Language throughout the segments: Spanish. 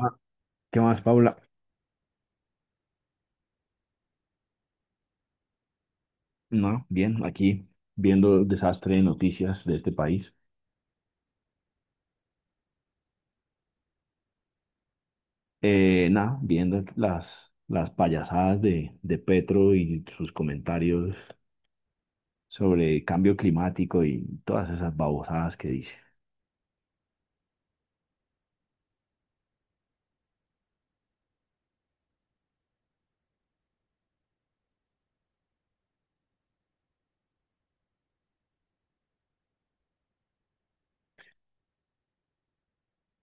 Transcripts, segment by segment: Ah, ¿qué más, Paula? No, bien, aquí viendo el desastre de noticias de este país. Nada, viendo las payasadas de Petro y sus comentarios sobre cambio climático y todas esas babosadas que dice.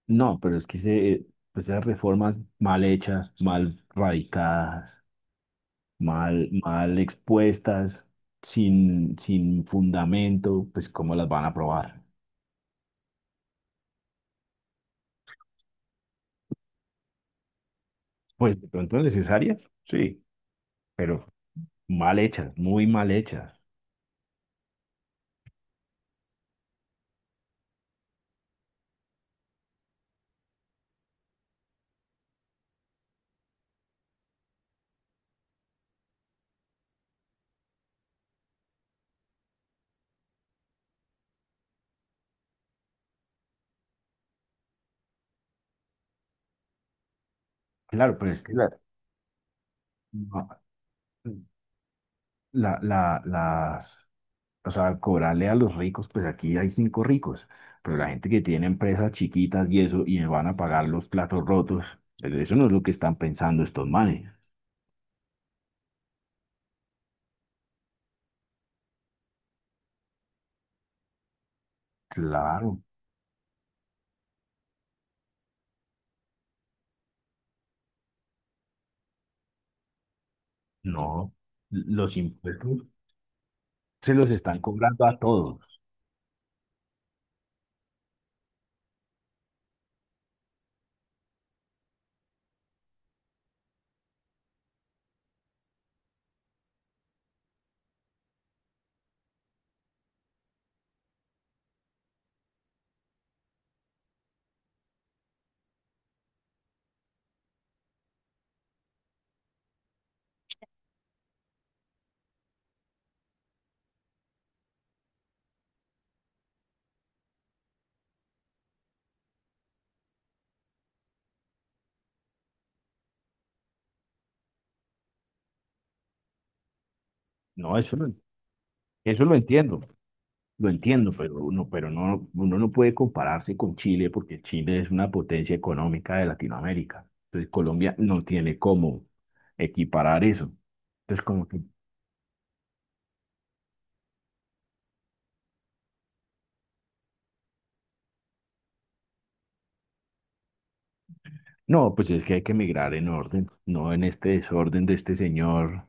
No, pero es que pues esas reformas mal hechas, mal radicadas, mal expuestas, sin fundamento, pues ¿cómo las van a aprobar? Pues de pronto necesarias, sí, pero mal hechas, muy mal hechas. Claro, pero es que claro. No, las, o sea, cobrarle a los ricos, pues aquí hay cinco ricos, pero la gente que tiene empresas chiquitas y eso, y van a pagar los platos rotos, pues eso no es lo que están pensando estos manes. Claro, no, los impuestos se los están cobrando a todos. No, eso lo entiendo. Lo entiendo, pero uno, pero no, uno no puede compararse con Chile porque Chile es una potencia económica de Latinoamérica. Entonces Colombia no tiene cómo equiparar eso. Entonces como que, no, pues es que hay que migrar en orden, no en este desorden de este señor.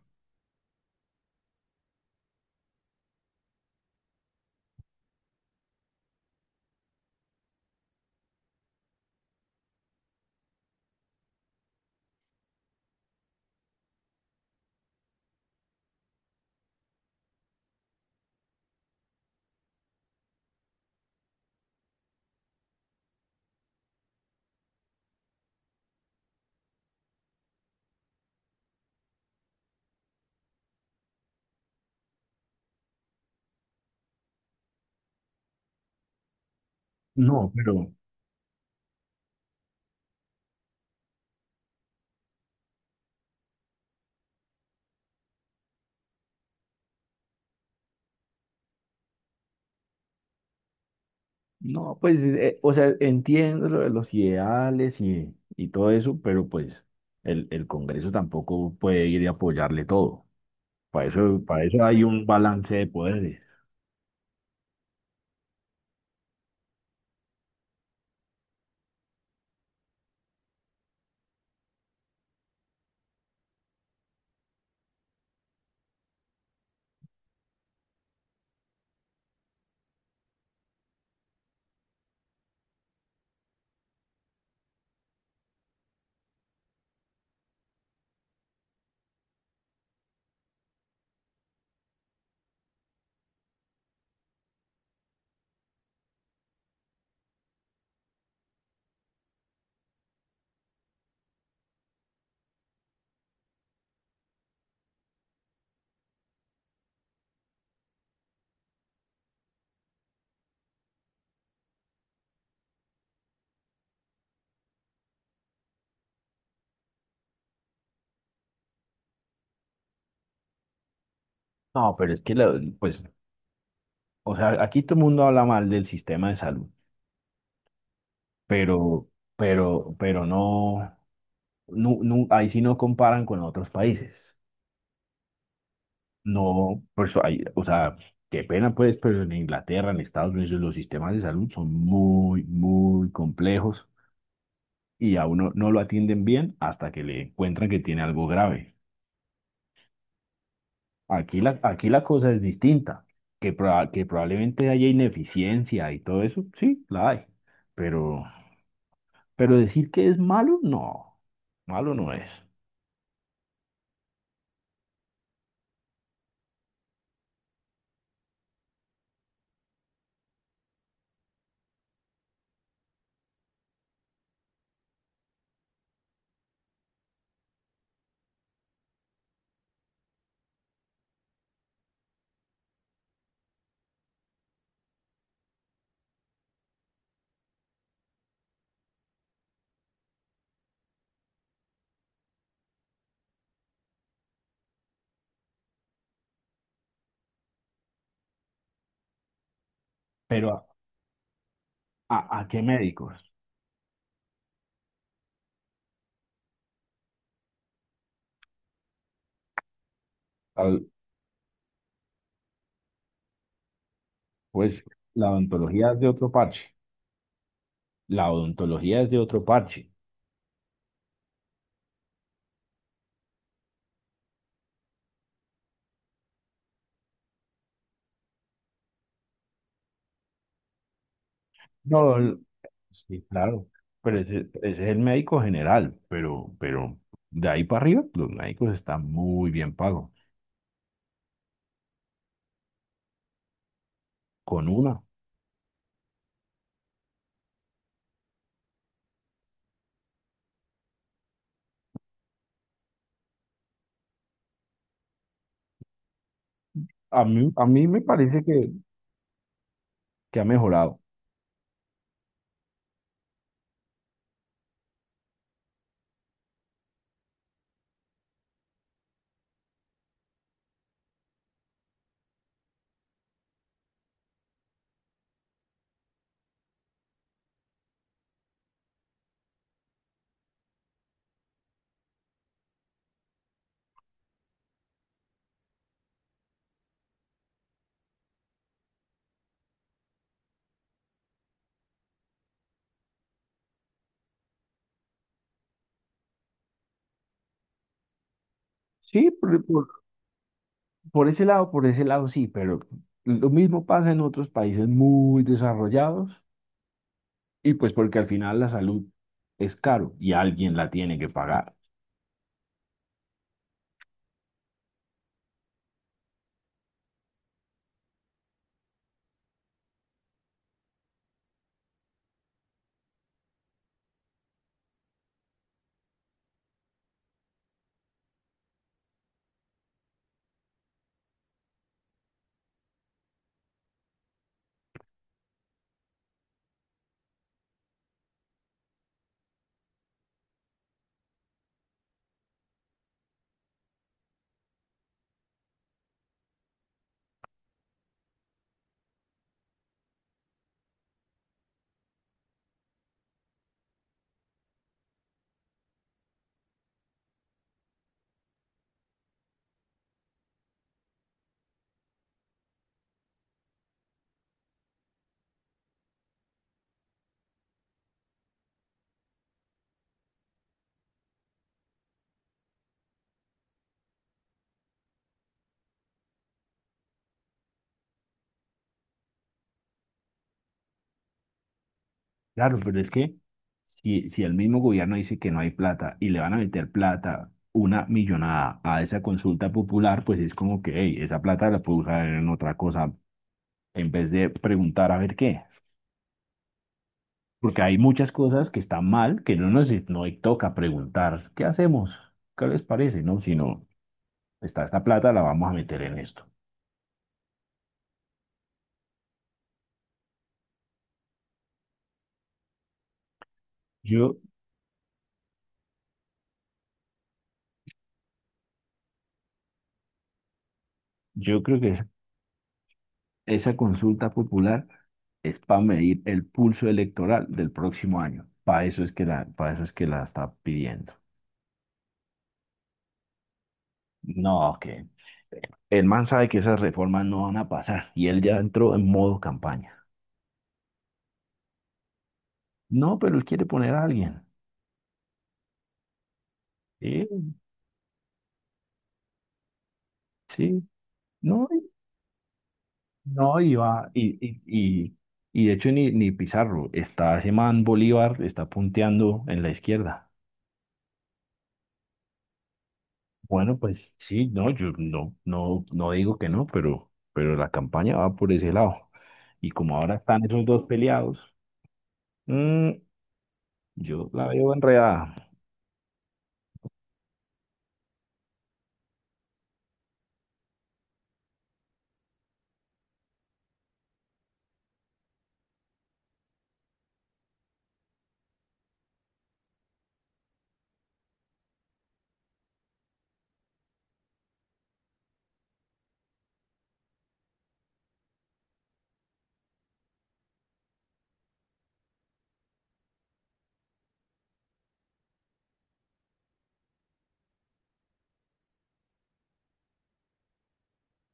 No, pero… No, pues, o sea, entiendo lo de los ideales y todo eso, pero pues el Congreso tampoco puede ir y apoyarle todo. Para eso hay un balance de poderes. No, pero es que, pues, o sea, aquí todo el mundo habla mal del sistema de salud, pero, pero no, no- ahí sí no comparan con otros países. No, pues, ahí- o sea, qué pena pues, pero en Inglaterra, en Estados Unidos, los sistemas de salud son muy, muy complejos y a uno no lo atienden bien hasta que le encuentran que tiene algo grave. Aquí la cosa es distinta, que, que probablemente haya ineficiencia y todo eso, sí, la hay, pero… Pero decir que es malo no es. Pero ¿a, a qué médicos? Al- pues la odontología es de otro parche, la odontología es de otro parche. No, el- sí, claro, pero ese es el médico general, pero de ahí para arriba los médicos están muy bien pagos, con una. A mí me parece que ha mejorado. Sí, por ese lado sí, pero lo mismo pasa en otros países muy desarrollados. Y pues porque al final la salud es caro y alguien la tiene que pagar. Claro, pero es que si, si el mismo gobierno dice que no hay plata y le van a meter plata, una millonada a esa consulta popular, pues es como que hey, esa plata la puedo usar en otra cosa en vez de preguntar a ver qué. Porque hay muchas cosas que están mal que no nos no toca preguntar, ¿qué hacemos? ¿Qué les parece? No, sino está esta plata, la vamos a meter en esto. Yo, yo creo que es… Esa consulta popular es para medir el pulso electoral del próximo año. Para eso es que la está pidiendo. No, que el man sabe que esas reformas no van a pasar y él ya entró en modo campaña. No, pero él quiere poner a alguien. Sí, sí. No, y- no, y va, y, y de hecho ni Pizarro, está ese man Bolívar, está punteando en la izquierda. Bueno, pues sí, no, no digo que no, pero la campaña va por ese lado. Y como ahora están esos dos peleados, mm, yo la veo enredada.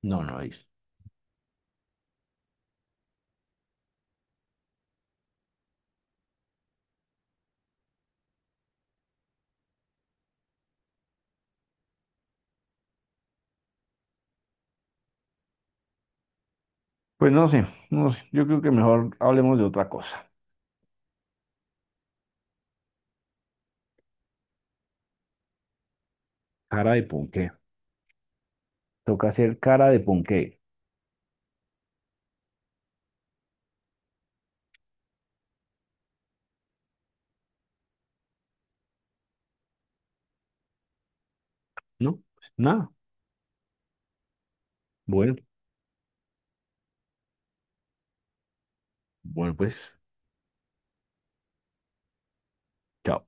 No, no es. Pues no sé, no sé. Yo creo que mejor hablemos de otra cosa. Cara de ponqué. Toca hacer cara de ponqué. No, pues nada. Bueno, bueno, pues, chao.